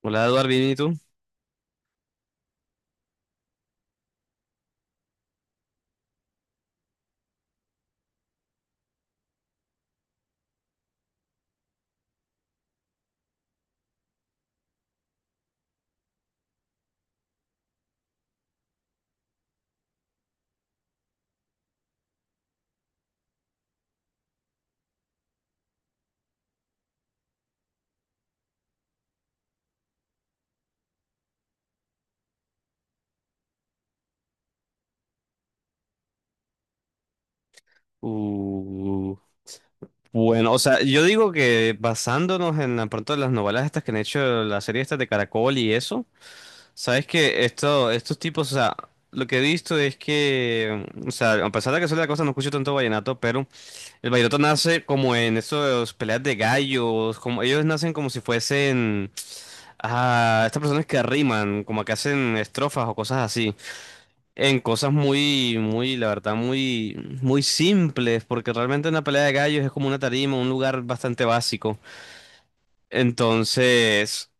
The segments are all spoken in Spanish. Hola, Eduardo, ¿bien y tú? Uh, bueno, o sea, yo digo que basándonos en pronto en las novelas estas que han hecho, la serie estas de Caracol y eso, sabes que esto, estos tipos, o sea, lo que he visto es que, o sea, a pesar de que soy de la costa, no escucho tanto vallenato, pero el vallenato nace como en esos peleas de gallos, como ellos nacen como si fuesen, ah, estas personas que riman, como que hacen estrofas o cosas así. En cosas muy, muy, la verdad, muy, muy simples, porque realmente una pelea de gallos es como una tarima, un lugar bastante básico. Entonces,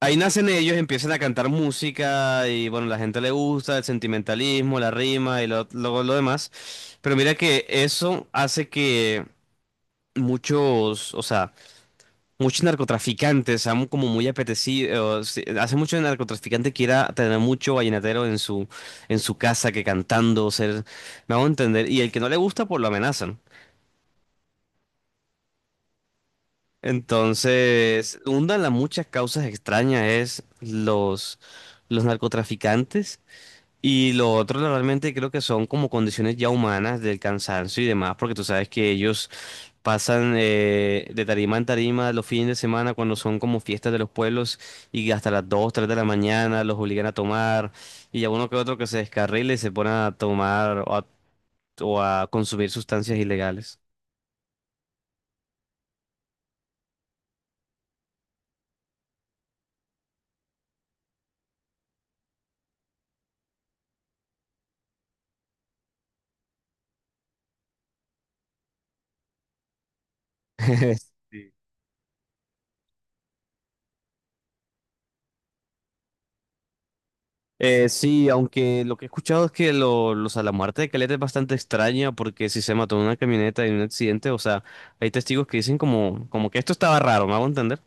ahí nacen ellos, empiezan a cantar música y bueno, la gente le gusta, el sentimentalismo, la rima y lo demás. Pero mira que eso hace que muchos, o sea, muchos narcotraficantes, han como muy apetecidos. Hace mucho narcotraficante quiera tener mucho vallenatero en en su casa que cantando, ser, me hago entender. Y el que no le gusta, pues lo amenazan. Entonces, una de las muchas causas extrañas es los narcotraficantes. Y lo otro realmente creo que son como condiciones ya humanas del cansancio y demás, porque tú sabes que ellos pasan de tarima en tarima los fines de semana cuando son como fiestas de los pueblos y hasta las 2 3 de la mañana los obligan a tomar y a uno que otro que se descarrile y se pone a tomar o a consumir sustancias ilegales. Sí. Sí, aunque lo que he escuchado es que los a la muerte de Caleta es bastante extraña porque si se mató en una camioneta en un accidente, o sea, hay testigos que dicen como, como que esto estaba raro, ¿me hago entender?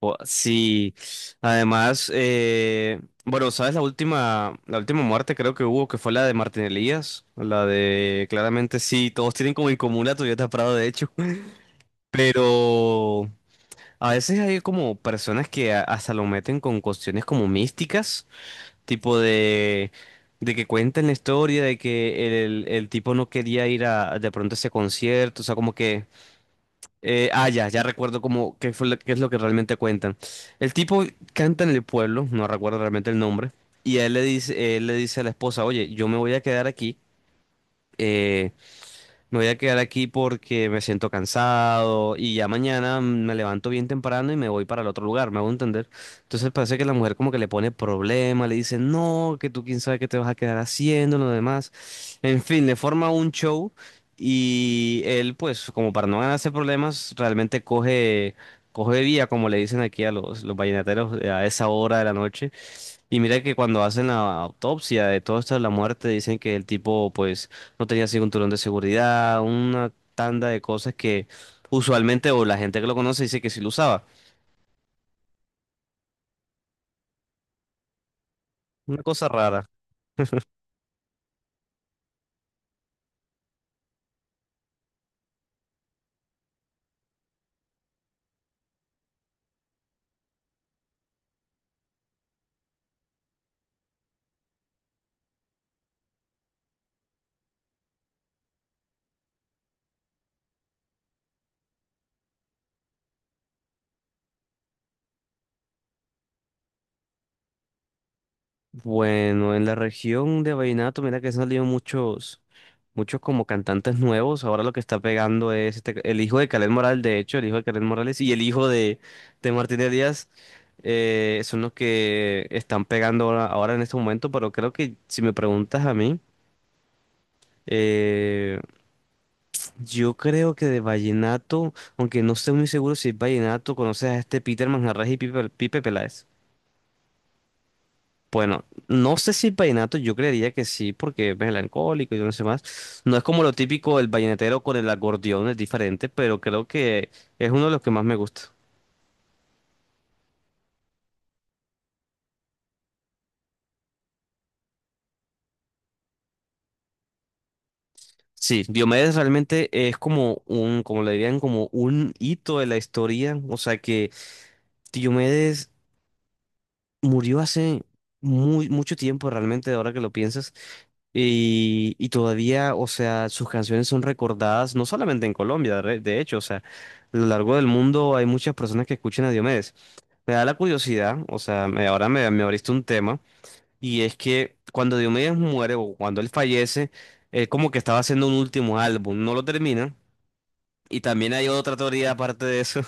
Sí, además, bueno, ¿sabes la última muerte creo que hubo, que fue la de Martín Elías? La de, claramente sí, todos tienen como en común la Toyota Prado, de hecho, pero a veces hay como personas que hasta lo meten con cuestiones como místicas, tipo de que cuentan la historia, de que el tipo no quería ir a de pronto a ese concierto, o sea, como que... ya, ya recuerdo cómo, qué es lo que realmente cuentan. El tipo canta en el pueblo, no recuerdo realmente el nombre, y él le dice a la esposa, oye, yo me voy a quedar aquí, eh, me voy a quedar aquí porque me siento cansado y ya mañana me levanto bien temprano y me voy para el otro lugar, me hago entender. Entonces parece que la mujer como que le pone problema, le dice, no, que tú quién sabe qué te vas a quedar haciendo, lo demás. En fin, le forma un show y él pues como para no ganarse problemas, realmente coge vía, como le dicen aquí a los vallenateros a esa hora de la noche y mira que cuando hacen la autopsia de todo esto de la muerte, dicen que el tipo pues no tenía cinturón de seguridad, una tanda de cosas que usualmente o la gente que lo conoce dice que sí lo usaba. Una cosa rara. Bueno, en la región de vallenato, mira que han salido muchos, muchos como cantantes nuevos. Ahora lo que está pegando es el hijo de Kaleth Morales, de hecho, el hijo de Kaleth Morales y el hijo de Martínez Díaz son los que están pegando ahora, ahora en este momento, pero creo que si me preguntas a mí... Eh, yo creo que de vallenato, aunque no estoy muy seguro si es vallenato, conoces a este Peter Manjarrés y Pipe, Pipe Peláez. Bueno, no sé si es vallenato, yo creería que sí, porque es melancólico y no sé más. No es como lo típico del vallenatero con el acordeón, es diferente, pero creo que es uno de los que más me gusta. Sí, Diomedes realmente es como un, como le dirían, como un hito de la historia. O sea que Diomedes murió hace muy, mucho tiempo realmente, ahora que lo piensas. Y todavía, o sea, sus canciones son recordadas no solamente en Colombia, de hecho, o sea, a lo largo del mundo hay muchas personas que escuchan a Diomedes. Me da la curiosidad, o sea, ahora me abriste un tema, y es que cuando Diomedes muere o cuando él fallece, él como que estaba haciendo un último álbum, no lo termina, y también hay otra teoría aparte de eso,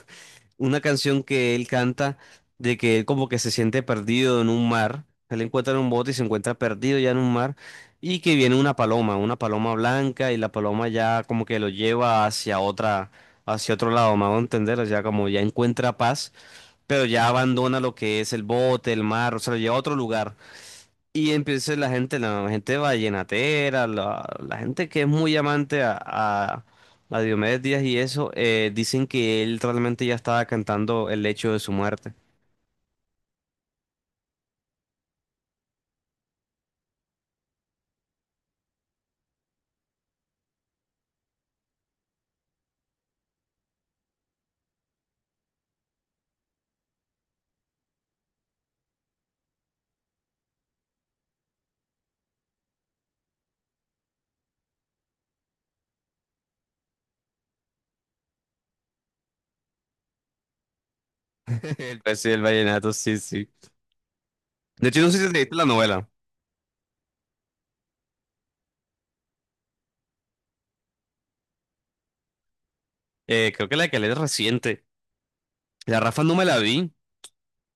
una canción que él canta de que él como que se siente perdido en un mar. Él encuentra un bote y se encuentra perdido ya en un mar y que viene una paloma blanca y la paloma ya como que lo lleva hacia otra, hacia otro lado, me hago entender, o sea, como ya encuentra paz, pero ya abandona lo que es el bote, el mar, o sea, lo lleva a otro lugar. Y empieza la gente vallenatera, la gente que es muy amante a Diomedes Díaz y eso, dicen que él realmente ya estaba cantando el hecho de su muerte. El precio del vallenato, sí, sí. De hecho, no sé si te viste la novela. Creo que la que leí es reciente. La Rafa no me la vi,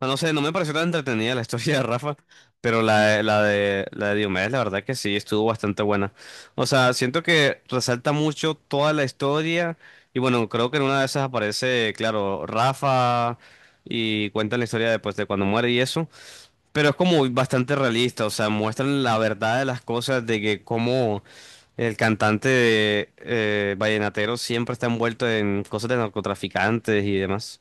no no sé, no me pareció tan entretenida la historia de Rafa, pero la de Diomedes, la verdad que sí, estuvo bastante buena. O sea, siento que resalta mucho toda la historia y bueno, creo que en una de esas aparece, claro, Rafa y cuentan la historia después de cuando muere y eso, pero es como bastante realista, o sea, muestran la verdad de las cosas, de que como el cantante vallenatero siempre está envuelto en cosas de narcotraficantes y demás.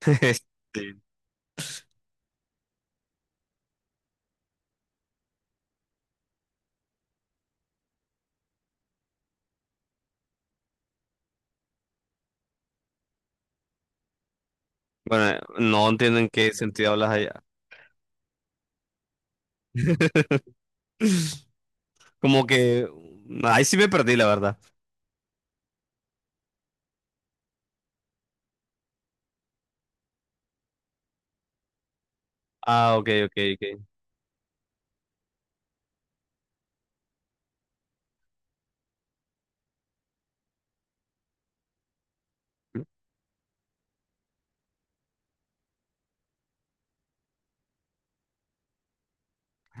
Sí. Bueno, no entiendo en qué sentido hablas allá. Como que ahí sí me perdí, la verdad. Ah, ok, ok, ok.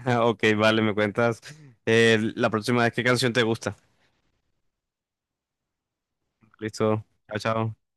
Ok, vale, me cuentas la próxima vez qué canción te gusta. Listo. Chao, chao.